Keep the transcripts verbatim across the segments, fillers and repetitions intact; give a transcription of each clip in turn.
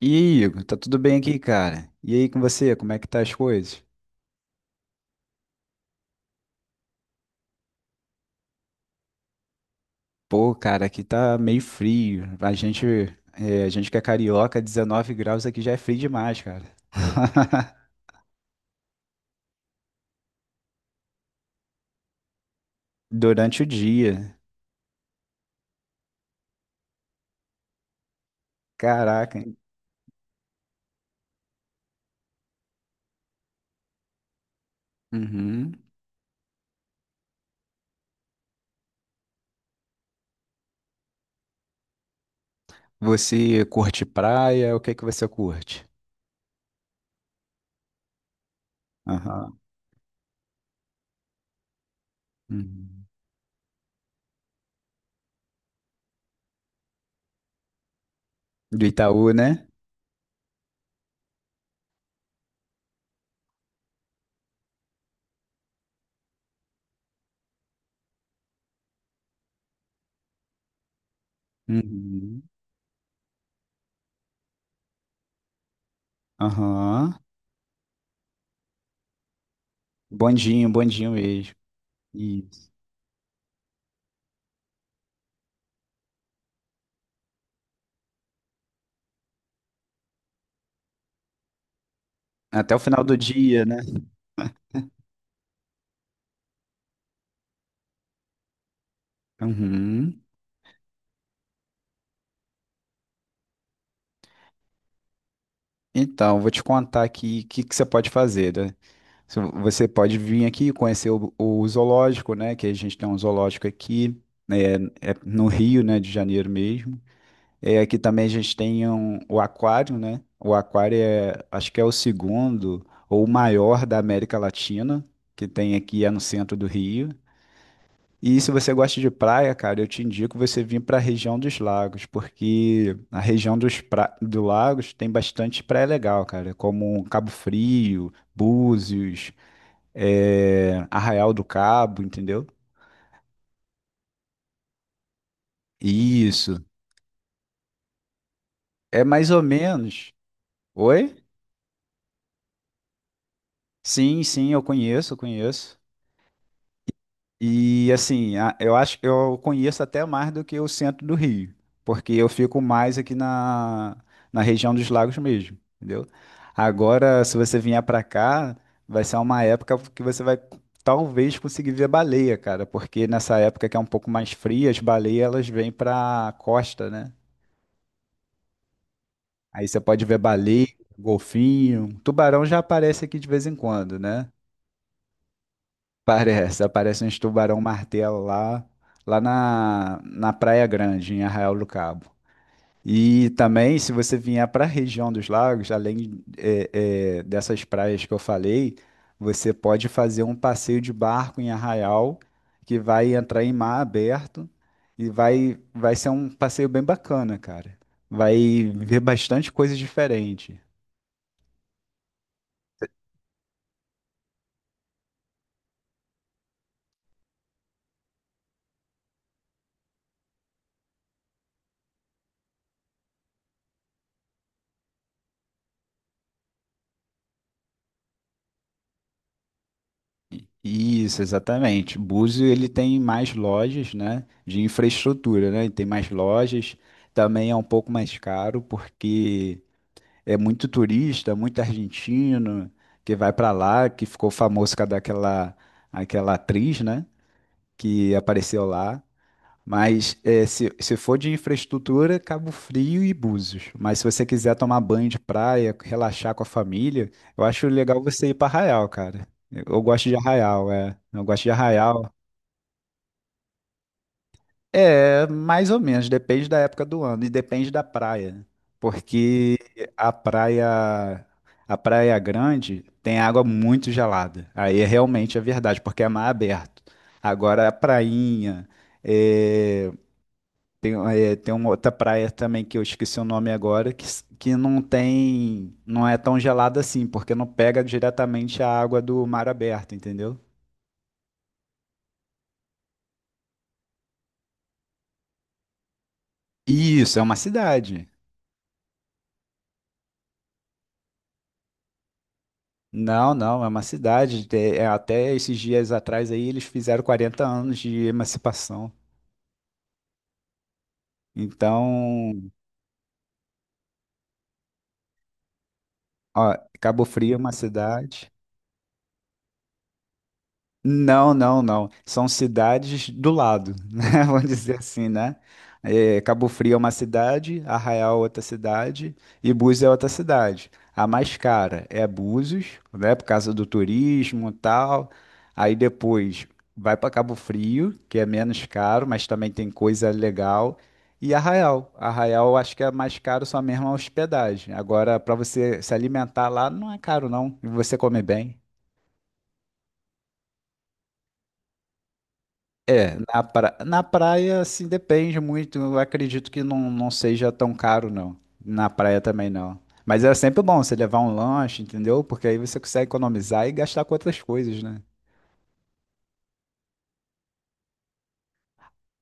E aí, Igor, tá tudo bem aqui, cara? E aí com você, como é que tá as coisas? Pô, cara, aqui tá meio frio. A gente, é, a gente que é carioca, dezenove graus aqui já é frio demais, cara. Durante o dia. Caraca, hein? Uhum. Você curte praia? O que que você curte? Aham. Uhum. Do Itaú, né? Uhum. Aham. Bondinho, bondinho mesmo. Isso. Até o final do dia, né? Uhum. Então, vou te contar aqui o que, que você pode fazer, né? Se vo- Você pode vir aqui conhecer o, o zoológico, né? Que a gente tem um zoológico aqui, né? É é no Rio, né? De Janeiro mesmo. É, aqui também a gente tem um- o aquário, né? O aquário é, acho que é o segundo ou o maior da América Latina, que tem aqui é no centro do Rio. E se você gosta de praia, cara, eu te indico você vir para a região dos lagos, porque a região dos pra... do lagos tem bastante praia legal, cara, como Cabo Frio, Búzios, eh, Arraial do Cabo, entendeu? Isso. É mais ou menos. Oi? Sim, sim, eu conheço, eu conheço. E assim, a- eu acho que eu conheço até mais do que o centro do Rio, porque eu fico mais aqui na, na região dos lagos mesmo, entendeu? Agora, se você vier pra cá, vai ser uma época que você vai talvez conseguir ver baleia, cara, porque nessa época que é um pouco mais fria, as baleias elas vêm pra costa, né? Aí você pode ver baleia, golfinho, tubarão já aparece aqui de vez em quando, né? Parece, aparece uns tubarão-martelo lá, lá na, na Praia Grande, em Arraial do Cabo. E também, se você vier para a região dos lagos, além é, é, dessas praias que eu falei, você pode fazer um passeio de barco em Arraial, que vai entrar em mar aberto e vai, vai ser um passeio bem bacana, cara. Vai ver bastante coisa diferente. Isso, exatamente. Búzio ele tem mais lojas, né, de infraestrutura, né? Ele tem mais lojas. Também é um pouco mais caro porque é muito turista, muito argentino que vai para lá, que ficou famoso por causa daquela aquela atriz, né, que apareceu lá. Mas é, se, se for de infraestrutura, Cabo Frio e Búzios. Mas se você quiser tomar banho de praia, relaxar com a família, eu acho legal você ir para Arraial, cara. Eu, eu gosto de Arraial, é. Eu gosto de Arraial. É, mais ou menos, depende da época do ano e depende da praia, né? Porque a praia, a Praia Grande tem água muito gelada. Aí é realmente a verdade, porque é mar aberto. Agora a prainha. é, Tem, é, tem uma outra praia também que eu esqueci o nome agora, que, s- que não tem, não é tão gelada assim, porque não pega diretamente a água do mar aberto, entendeu? Isso, é uma cidade. Não, não, é uma cidade. Te- é, até esses dias atrás aí eles fizeram quarenta anos de emancipação. Então, ó, Cabo Frio é uma cidade. Não, não, não. São cidades do lado, né? Vamos dizer assim, né? É, Cabo Frio é uma cidade, Arraial é outra cidade e Búzios é outra cidade. A mais cara é Búzios, né? Por causa do turismo e tal. Aí depois vai para Cabo Frio, que é menos caro, mas também tem coisa legal. E Arraial. Arraial eu acho que é mais caro só mesmo a hospedagem. Agora, para você se alimentar lá, não é caro, não. E você come bem. É, na, pra... na praia, assim, depende muito. Eu acredito que não, não seja tão caro, não. Na praia também não. Mas é sempre bom você levar um lanche, entendeu? Porque aí você consegue economizar e gastar com outras coisas, né?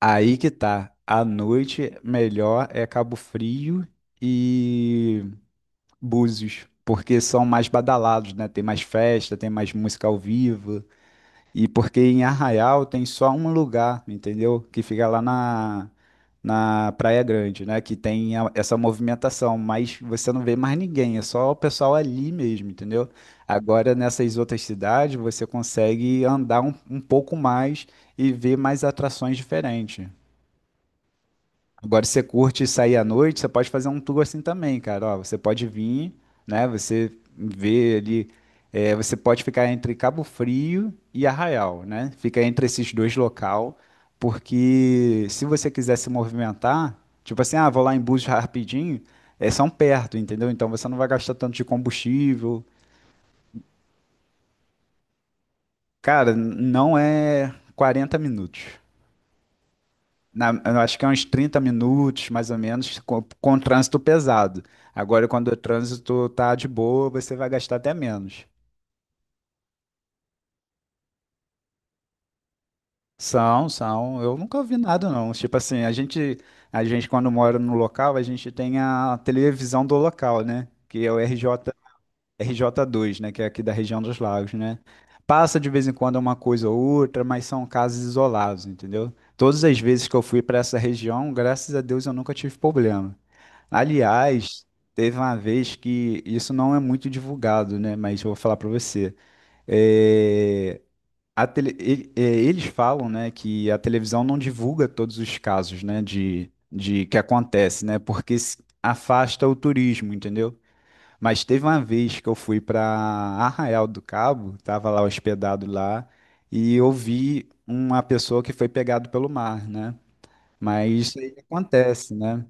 Aí que tá. À noite, melhor é Cabo Frio e Búzios. Porque são mais badalados, né? Tem mais festa, tem mais música ao vivo. E porque em Arraial tem só um lugar, entendeu? Que fica lá na, na Praia Grande, né? Que tem a- essa movimentação, mas você não vê mais ninguém, é só o pessoal ali mesmo, entendeu? Agora nessas outras cidades você consegue andar um, um pouco mais e ver mais atrações diferentes. Agora, se você curte sair à noite, você pode fazer um tour assim também, cara. Ó, você pode vir, né? Você vê ali. É, você pode ficar entre Cabo Frio e Arraial, né? Fica entre esses dois local, porque se você quiser se movimentar, tipo assim, ah, vou lá em Búzios rapidinho, é, são perto, entendeu? Então você não vai gastar tanto de combustível. Cara, n- não é quarenta minutos. Na- eu acho que é uns trinta minutos, mais ou menos, com, com trânsito pesado. Agora, quando o trânsito tá de boa, você vai gastar até menos. São, são. Eu nunca ouvi nada, não. Tipo assim, a gente, a gente quando mora no local, a gente tem a televisão do local, né? Que é o R J, rj dois, né? Que é aqui da região dos lagos, né? Passa de vez em quando uma coisa ou outra, mas são casos isolados, entendeu? Todas as vezes que eu fui para essa região, graças a Deus eu nunca tive problema. Aliás, teve uma vez que isso não é muito divulgado, né? Mas eu vou falar para você. É, a tele- ele- é, eles falam, né, que a televisão não divulga todos os casos, né, de, de que acontece, né? Porque se- afasta o turismo, entendeu? Mas teve uma vez que eu fui para Arraial do Cabo, tava lá hospedado lá, e eu vi uma pessoa que foi pegado pelo mar, né? Mas isso aí acontece, né?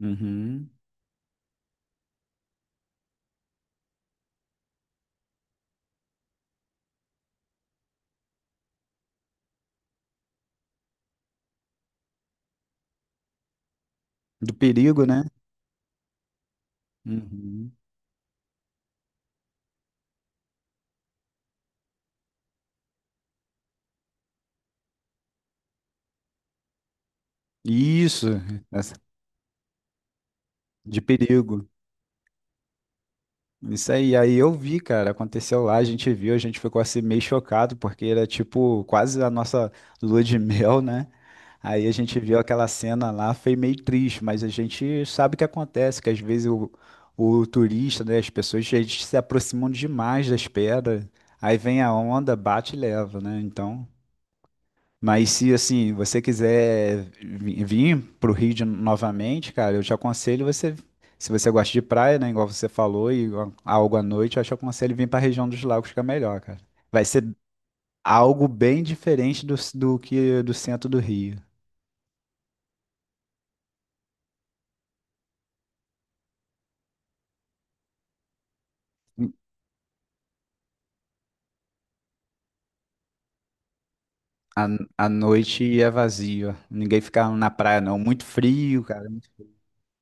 Uhum. Do perigo, né? Uhum. Isso, essa- de perigo. Isso aí, aí eu vi, cara, aconteceu lá, a gente viu, a gente ficou assim meio chocado, porque era tipo quase a nossa lua de mel, né? Aí a gente viu aquela cena lá, foi meio triste, mas a gente sabe o que acontece, que às vezes o, o turista, né, as pessoas, eles se aproximam demais das pedras, aí vem a onda, bate e leva, né? Então. Mas se assim, você quiser vi- vir pro Rio de- novamente, cara, eu te aconselho você, se você gosta de praia, né, igual você falou, e a- algo à noite, eu te aconselho vir para a região dos lagos que é melhor, cara. Vai ser algo bem diferente do, c- do que do centro do Rio. A, a noite é vazio, ninguém fica na praia não, muito frio, cara.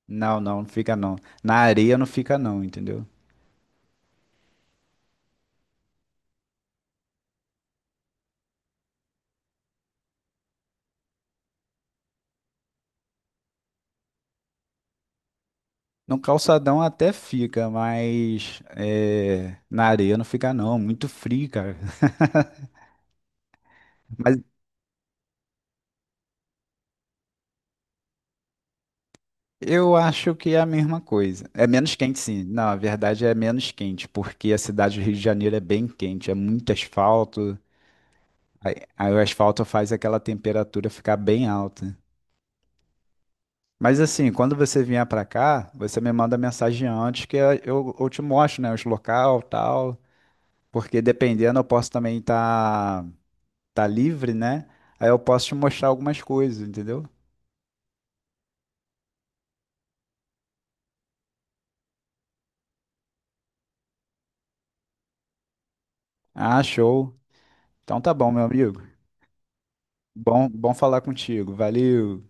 Não, não, não fica não. Na areia não fica não, entendeu? No calçadão até fica, mas é, na areia não fica não, muito frio, cara. Mas eu acho que é a mesma coisa. É menos quente, sim. Não, a verdade é menos quente, porque a cidade do Rio de Janeiro é bem quente, é muito asfalto. Aí, aí o asfalto faz aquela temperatura ficar bem alta. Mas assim, quando você vier pra cá, você me manda mensagem antes que eu, eu te mostro, né, os local, tal, porque dependendo eu posso também estar tá livre, né? Aí eu posso te mostrar algumas coisas, entendeu? Ah, show. Então tá bom, meu amigo. Bom, bom falar contigo. Valeu.